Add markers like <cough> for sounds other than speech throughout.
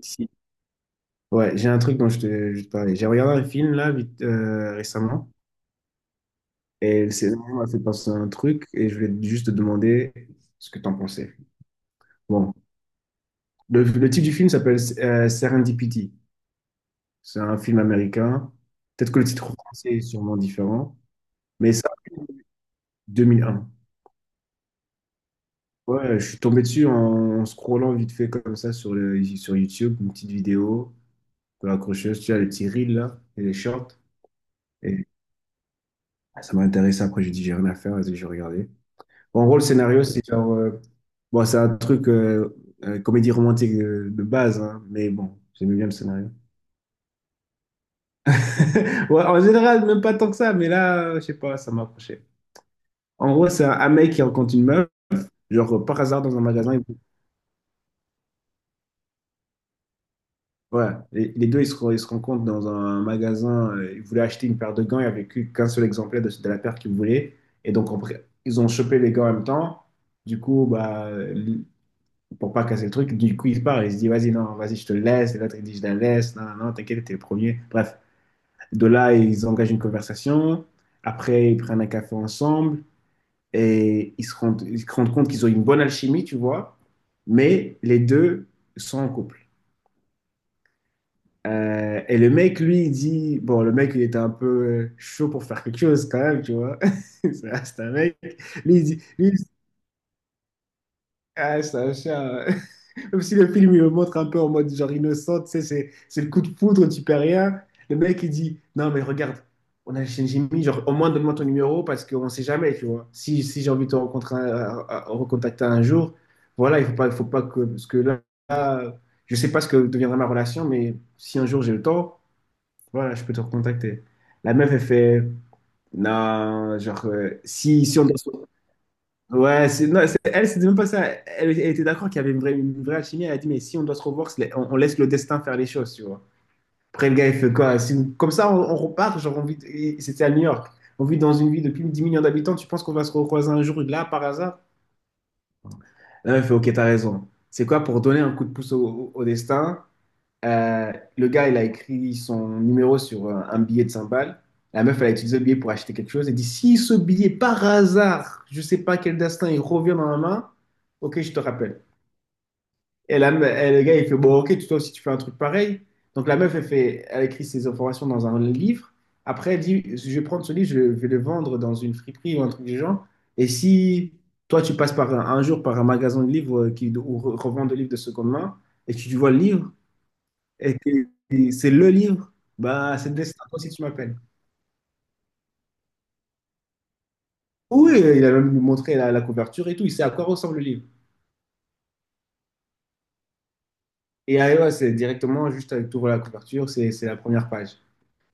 Si. Ouais, j'ai un truc dont je te parlais. J'ai regardé un film là vite, récemment et c'est ça m'a fait penser à un truc et je voulais juste te demander ce que t'en pensais. Bon, le titre du film s'appelle Serendipity. C'est un film américain. Peut-être que le titre français est sûrement différent, mais ça, 2001. Ouais, je suis tombé dessus en scrollant vite fait comme ça sur, le, sur YouTube, une petite vidéo de l'accrocheuse, tu as les petits reels là et les shorts. Et ça m'a intéressé. Après, j'ai dit, j'ai rien à faire, vas-y, j'ai regardé. En gros, le scénario, c'est genre. Bon, c'est un truc comédie romantique de, base, hein, mais bon, j'aimais bien le scénario. <laughs> Ouais, en général, même pas tant que ça, mais là, je sais pas, ça m'a accroché. En gros, c'est un mec qui rencontre une meuf, genre par hasard dans un magasin. Ouais, et les deux, ils se rencontrent dans un magasin. Ils voulaient acheter une paire de gants, il n'y avait qu'un seul exemplaire de la paire qu'ils voulaient. Et donc, après, ils ont chopé les gants en même temps. Du coup, bah, pour pas casser le truc. Du coup, il part, il se dit, vas-y, non, vas-y, je te laisse. Et l'autre, il dit, je la laisse. Non, non, non, t'inquiète, t'es le premier. Bref, de là, ils engagent une conversation. Après, ils prennent un café ensemble et ils se rendent compte qu'ils ont une bonne alchimie, tu vois. Mais les deux sont en couple. Et le mec, lui, il dit, bon, le mec, il était un peu chaud pour faire quelque chose quand même, tu vois. <laughs> C'est un mec. Lui, il dit, ah, c'est un chien. Comme si le film, il le montre un peu en mode genre innocent, tu sais, c'est le coup de foudre, tu perds rien. Le mec, il dit, non, mais regarde, on a Shinjimi, genre, au moins donne-moi ton numéro parce qu'on sait jamais, tu vois. Si j'ai envie de te rencontrer, recontacter un jour, voilà, il faut pas que, parce que là, là, je sais pas ce que deviendra ma relation, mais si un jour j'ai le temps, voilà, je peux te recontacter. La meuf, elle fait, non, genre, si, si on doit se Ouais, non, elle, c'était même pas ça. Elle, elle était d'accord qu'il y avait une vraie alchimie. Elle a dit, mais si on doit se revoir, on laisse le destin faire les choses, tu vois. Après, le gars, il fait quoi? Si comme ça, on repart. Genre, on vit, et c'était à New York. On vit dans une ville de plus de 10 millions d'habitants. Tu penses qu'on va se recroiser un jour, là, par hasard? Là, elle fait, ok, t'as raison. C'est quoi pour donner un coup de pouce au, au destin? Euh, le gars, il a écrit son numéro sur un billet de 100 balles. La meuf, elle a utilisé le billet pour acheter quelque chose. Elle dit, si ce billet, par hasard, je sais pas quel destin, il revient dans ma main, ok, je te rappelle. Et, et le gars, il fait, bon, ok, toi aussi, tu fais un truc pareil. Donc la meuf, elle fait, elle écrit ses informations dans un livre. Après, elle dit, je vais prendre ce livre, je vais le vendre dans une friperie ou un truc du genre. Et si toi, tu passes par un jour par un magasin de livres qui, où revend des livres de seconde main et que tu vois le livre, et, c'est le livre. Bah, c'est Destin, toi aussi tu m'appelles. Oui, il a même montré la couverture et tout. Il sait à quoi ressemble le livre. Et ah, ouais, c'est directement juste avec tout la couverture, c'est la première page.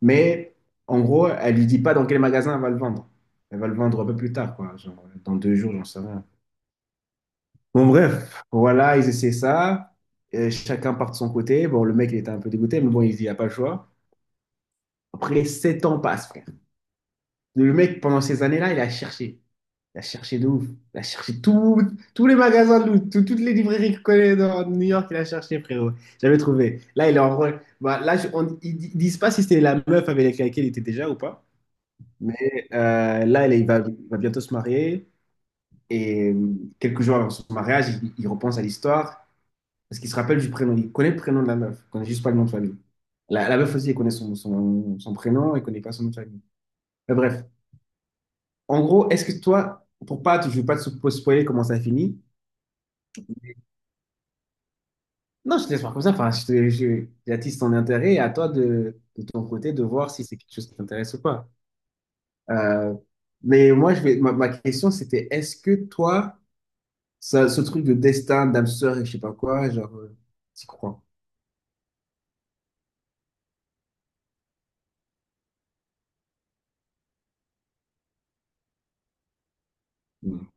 Mais en gros, elle lui dit pas dans quel magasin elle va le vendre. Elle va le vendre un peu plus tard, quoi. Genre, dans deux jours, j'en sais rien. Bon, bref, voilà, ils essaient ça. Chacun part de son côté. Bon, le mec, il était un peu dégoûté, mais bon, il se dit, il n'y a pas le choix. Après, 7 ans passent, frère. Le mec, pendant ces années-là, il a cherché. Il a cherché de ouf. Il a cherché tous les magasins de loot, toutes les librairies qu'il connaît dans New York, il a cherché, frérot. J'avais trouvé. Là, il est en rôle. Bah, là, ils disent pas si c'était la meuf avec laquelle il était déjà ou pas. Mais là, il va bientôt se marier. Et quelques jours avant son mariage, il repense à l'histoire. Parce qu'il se rappelle du prénom. Il connaît le prénom de la meuf. Il connaît juste pas le nom de famille. La meuf aussi, elle connaît son prénom. Elle connaît pas son nom de famille. Mais bref. En gros, est-ce que toi, pour pas, je veux pas te spoiler comment ça finit. Non, je te laisse voir comme ça. Enfin, j'attise ton intérêt et à toi de ton côté de voir si c'est quelque chose qui t'intéresse ou pas. Euh, mais moi, je vais, ma question, c'était est-ce que toi, ça, ce truc de destin, d'âme sœur et je sais pas quoi, genre, t'y crois? Mm.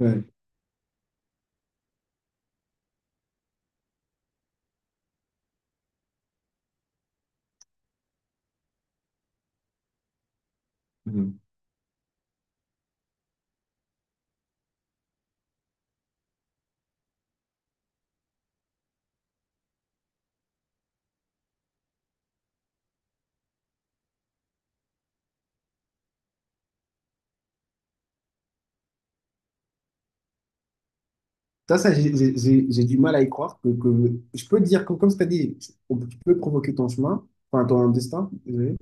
Ouais. Mm. J'ai du mal à y croire. Je peux te dire, que, comme tu as dit, on- tu peux provoquer ton chemin, enfin ton destin, désolé.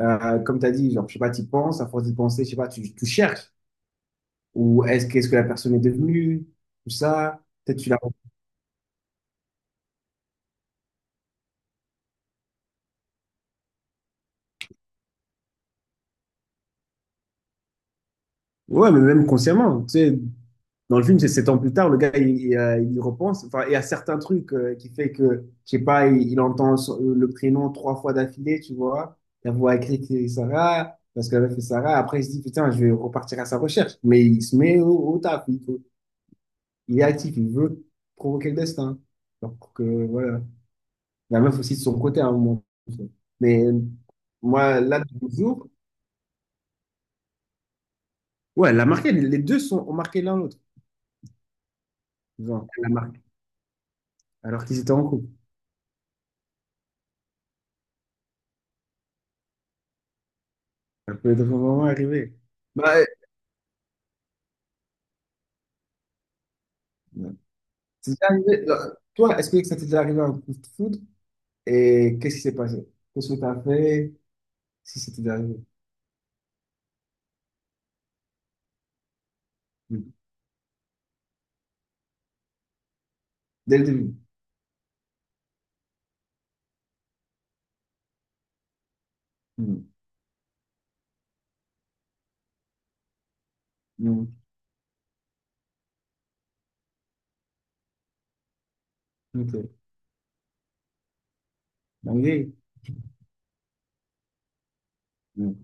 Comme tu as dit, genre, je sais pas, tu penses, à force d'y penser, je sais pas, tu cherches. Ou est-ce qu'est-ce que la personne est devenue? Tout ça. Peut-être tu l'as. Ouais, mais même consciemment, tu sais, dans le film, c'est 7 ans plus tard, le gars, il y repense, enfin, il y a certains trucs qui fait que, je sais pas, il entend le prénom 3 fois d'affilée, tu vois, la voix écrite c'est Sarah, parce qu'elle avait fait Sarah, après il se dit, putain, je vais repartir à sa recherche, mais il se met au taf, il est actif, il veut provoquer le destin. Donc, voilà, la meuf aussi de son côté à un moment. Mais moi, là, toujours Ouais, elle a marqué, les deux ont marqué l'un l'autre. Genre, elle a marqué, alors qu'ils étaient en couple. Ça peut être vraiment arrivé. Bah, Ouais. C'est déjà arrivé. Toi, est-ce que ça t'est déjà arrivé un coup de foudre? Et qu'est-ce qui s'est passé? Qu'est-ce que t'as fait si ça t'est déjà arrivé? Mm. Dès le début. Mm. Mm. Ok. Dinguerie. Mm.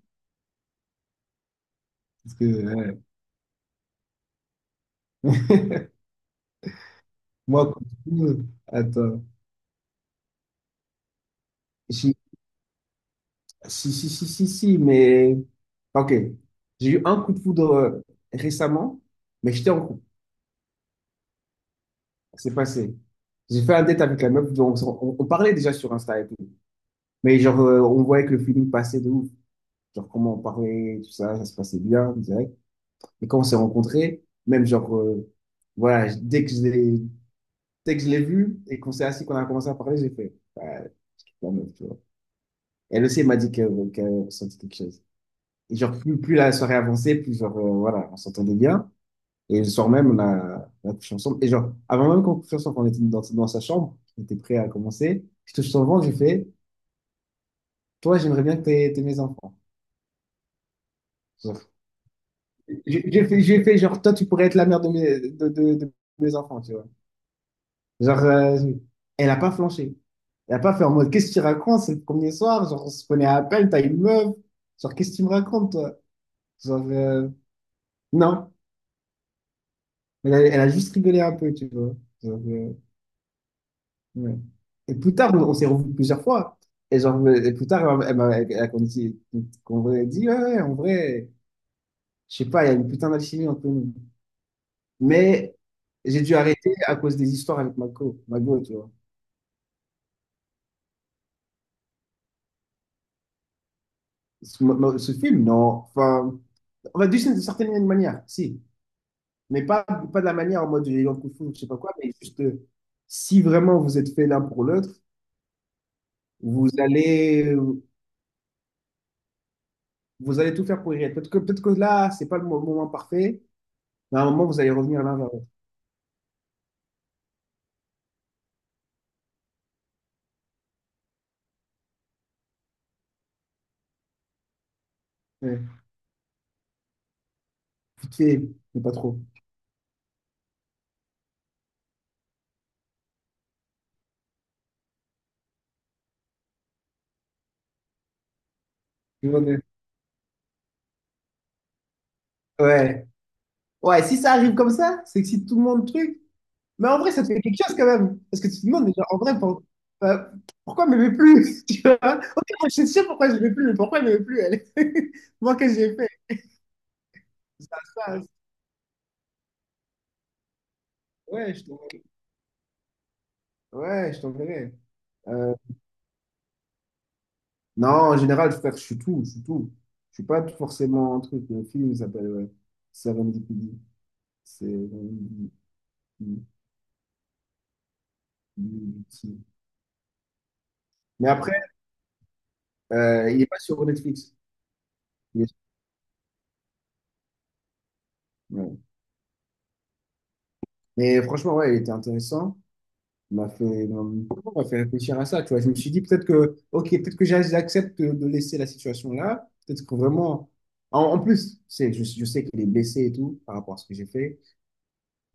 Parce que, ouais. <laughs> Moi, coup de foudre, attends. Si, si, si, si, si, si, mais. Ok. J'ai eu un coup de foudre récemment, mais j'étais en couple. C'est passé. J'ai fait un date avec la meuf, donc on parlait déjà sur Insta et tout. Mais genre, on voyait que le feeling passait de ouf. Genre, comment on parlait, tout ça, ça se passait bien, direct. Et quand on s'est rencontrés, même genre, voilà, dès que je l'ai, dès que je l'ai vue et qu'on s'est assis, qu'on a commencé à parler, j'ai fait, bah, la meuf, tu vois. Elle aussi, elle m'a dit qu'elle ressentait quelque chose. Et genre, plus la soirée avançait, plus genre, voilà, on s'entendait bien. Et le soir même, on a couché ensemble. Et genre, avant même qu'on couche ensemble, on était dans sa chambre, on était prêt à commencer. Je touche son ventre, j'ai fait, toi, j'aimerais bien que t'aies mes enfants. Genre, j'ai fait, genre, toi, tu pourrais être la mère de de mes enfants, tu vois. Genre, elle a pas flanché. Elle a pas fait en mode, qu'est-ce que tu racontes? C'est le premier soir, genre, on se prenait à peine, t'as une meuf. Genre, qu'est-ce que tu me racontes, toi? Genre, non. Elle a, elle a juste rigolé un peu, tu vois. Genre, Oui. Et plus tard, on s'est revus plusieurs fois. Et, genre, et plus tard, elle m'a dit, qu'on aurait dit, ouais, ouais, en vrai, je sais pas, il y a une putain d'alchimie entre nous. Mais j'ai dû arrêter à cause des histoires avec Marco, Margot, tu vois. Ce film, non. Enfin, on va dire d'une certaine manière, si. Mais pas de la manière en mode j'ai eu un coup de foudre, je sais pas quoi, mais juste si vraiment vous êtes fait l'un pour l'autre, vous allez, vous allez tout faire pour y être. Peut-être que là, c'est pas le moment parfait, mais à un moment, vous allez revenir l'un vers ouais. Piqué, mais pas trop. Je vois bien. Ouais. Ouais, si ça arrive comme ça, c'est que si tout le monde truc. Mais en vrai, ça te fait quelque chose quand même. Parce que tu te demandes, mais genre, en vrai, euh, pourquoi elle m'aimait plus? <laughs> Tu vois? Ok, moi, je sais pourquoi je m'aimais plus, mais pourquoi elle m'aimait plus, elle? <laughs> Moi, qu'est-ce que j'ai fait? Ça, ça, ouais, je t'en- ouais, je t'enverrai. Euh, non, en général, frère, je suis tout. Je suis pas forcément un truc. Le film il s'appelle ouais, Serendipity. C'est. Mais après, il est pas sur Netflix. Il est- ouais. Mais franchement, ouais, il était intéressant. Il m'a fait réfléchir à ça, tu vois. Je me suis dit peut-être que, ok, peut-être que j'accepte de laisser la situation là. Peut-être que vraiment, en plus, c'est, je sais qu'il est blessé et tout par rapport à ce que j'ai fait.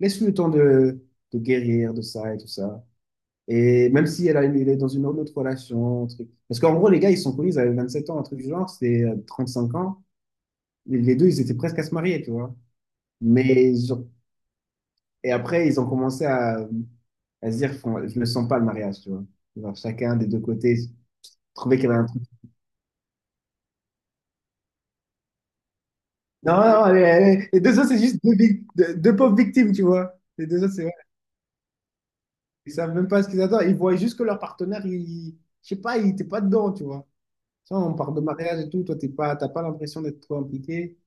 Laisse-lui le temps de guérir de ça et tout ça. Et même si elle a, il est dans une autre relation, un truc. Parce qu'en gros, les gars, ils sont connus, ils avaient 27 ans, un truc du genre, c'était 5 ans. Les deux, ils étaient presque à se marier, tu vois. Mais genre, et après, ils ont commencé à, je ne sens pas le mariage, tu vois. Genre, chacun des deux côtés trouvait qu'il y avait un truc. Non, non, les deux autres, c'est juste deux pauvres victimes, tu vois. Les deux autres, c'est vrai. Ils savent même pas ce qu'ils attendent. Ils voient juste que leur partenaire, il, je sais pas, il était pas dedans, tu vois. Tu vois, on parle de mariage et tout, toi, t'es pas, t'as pas l'impression d'être trop impliqué.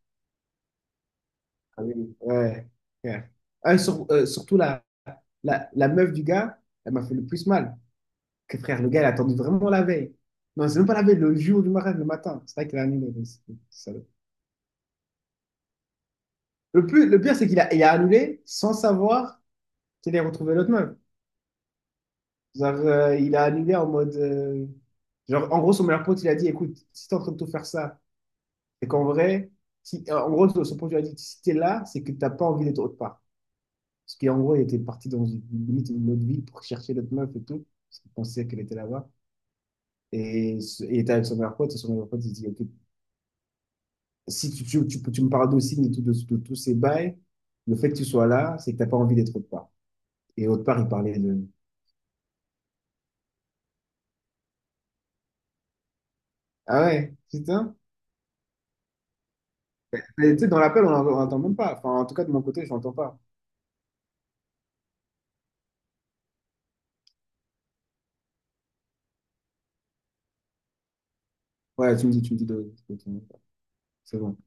Ah oui. Ouais. Ouais. Surtout la meuf du gars, elle m'a fait le plus mal. Que frère, le gars, il a attendu vraiment la veille. Non, c'est même pas la veille, le jour du mariage, le matin. C'est vrai qu'il a annulé. Mais c'est salaud. Le plus, le pire, c'est qu'il a, il a annulé sans savoir qu'il allait retrouver l'autre meuf. Genre, il a annulé en mode. Genre, en gros, son meilleur pote, il a dit, écoute, si t'es en train de tout faire ça, c'est qu'en vrai, si, en gros, son pote lui a dit, si t'es là, c'est que t'as pas envie d'être autre part. Parce qu'en gros, il était parti dans une, limite une autre ville pour chercher l'autre meuf et tout. Parce qu'il pensait qu'elle était là-bas. Il était avec son meilleur pote, et son meilleur pote, il dit, ok, si tu me parles d'Ossine et tout, de tous ces bails, le fait que tu sois là, c'est que t'as pas envie d'être autre part. Et autre part, il parlait de... Ah ouais, putain. Et tu sais, dans l'appel, on n'entend même pas. Enfin, en tout cas, de mon côté, je n'entends pas. Ouais, tu me dis de ton- C'est bon.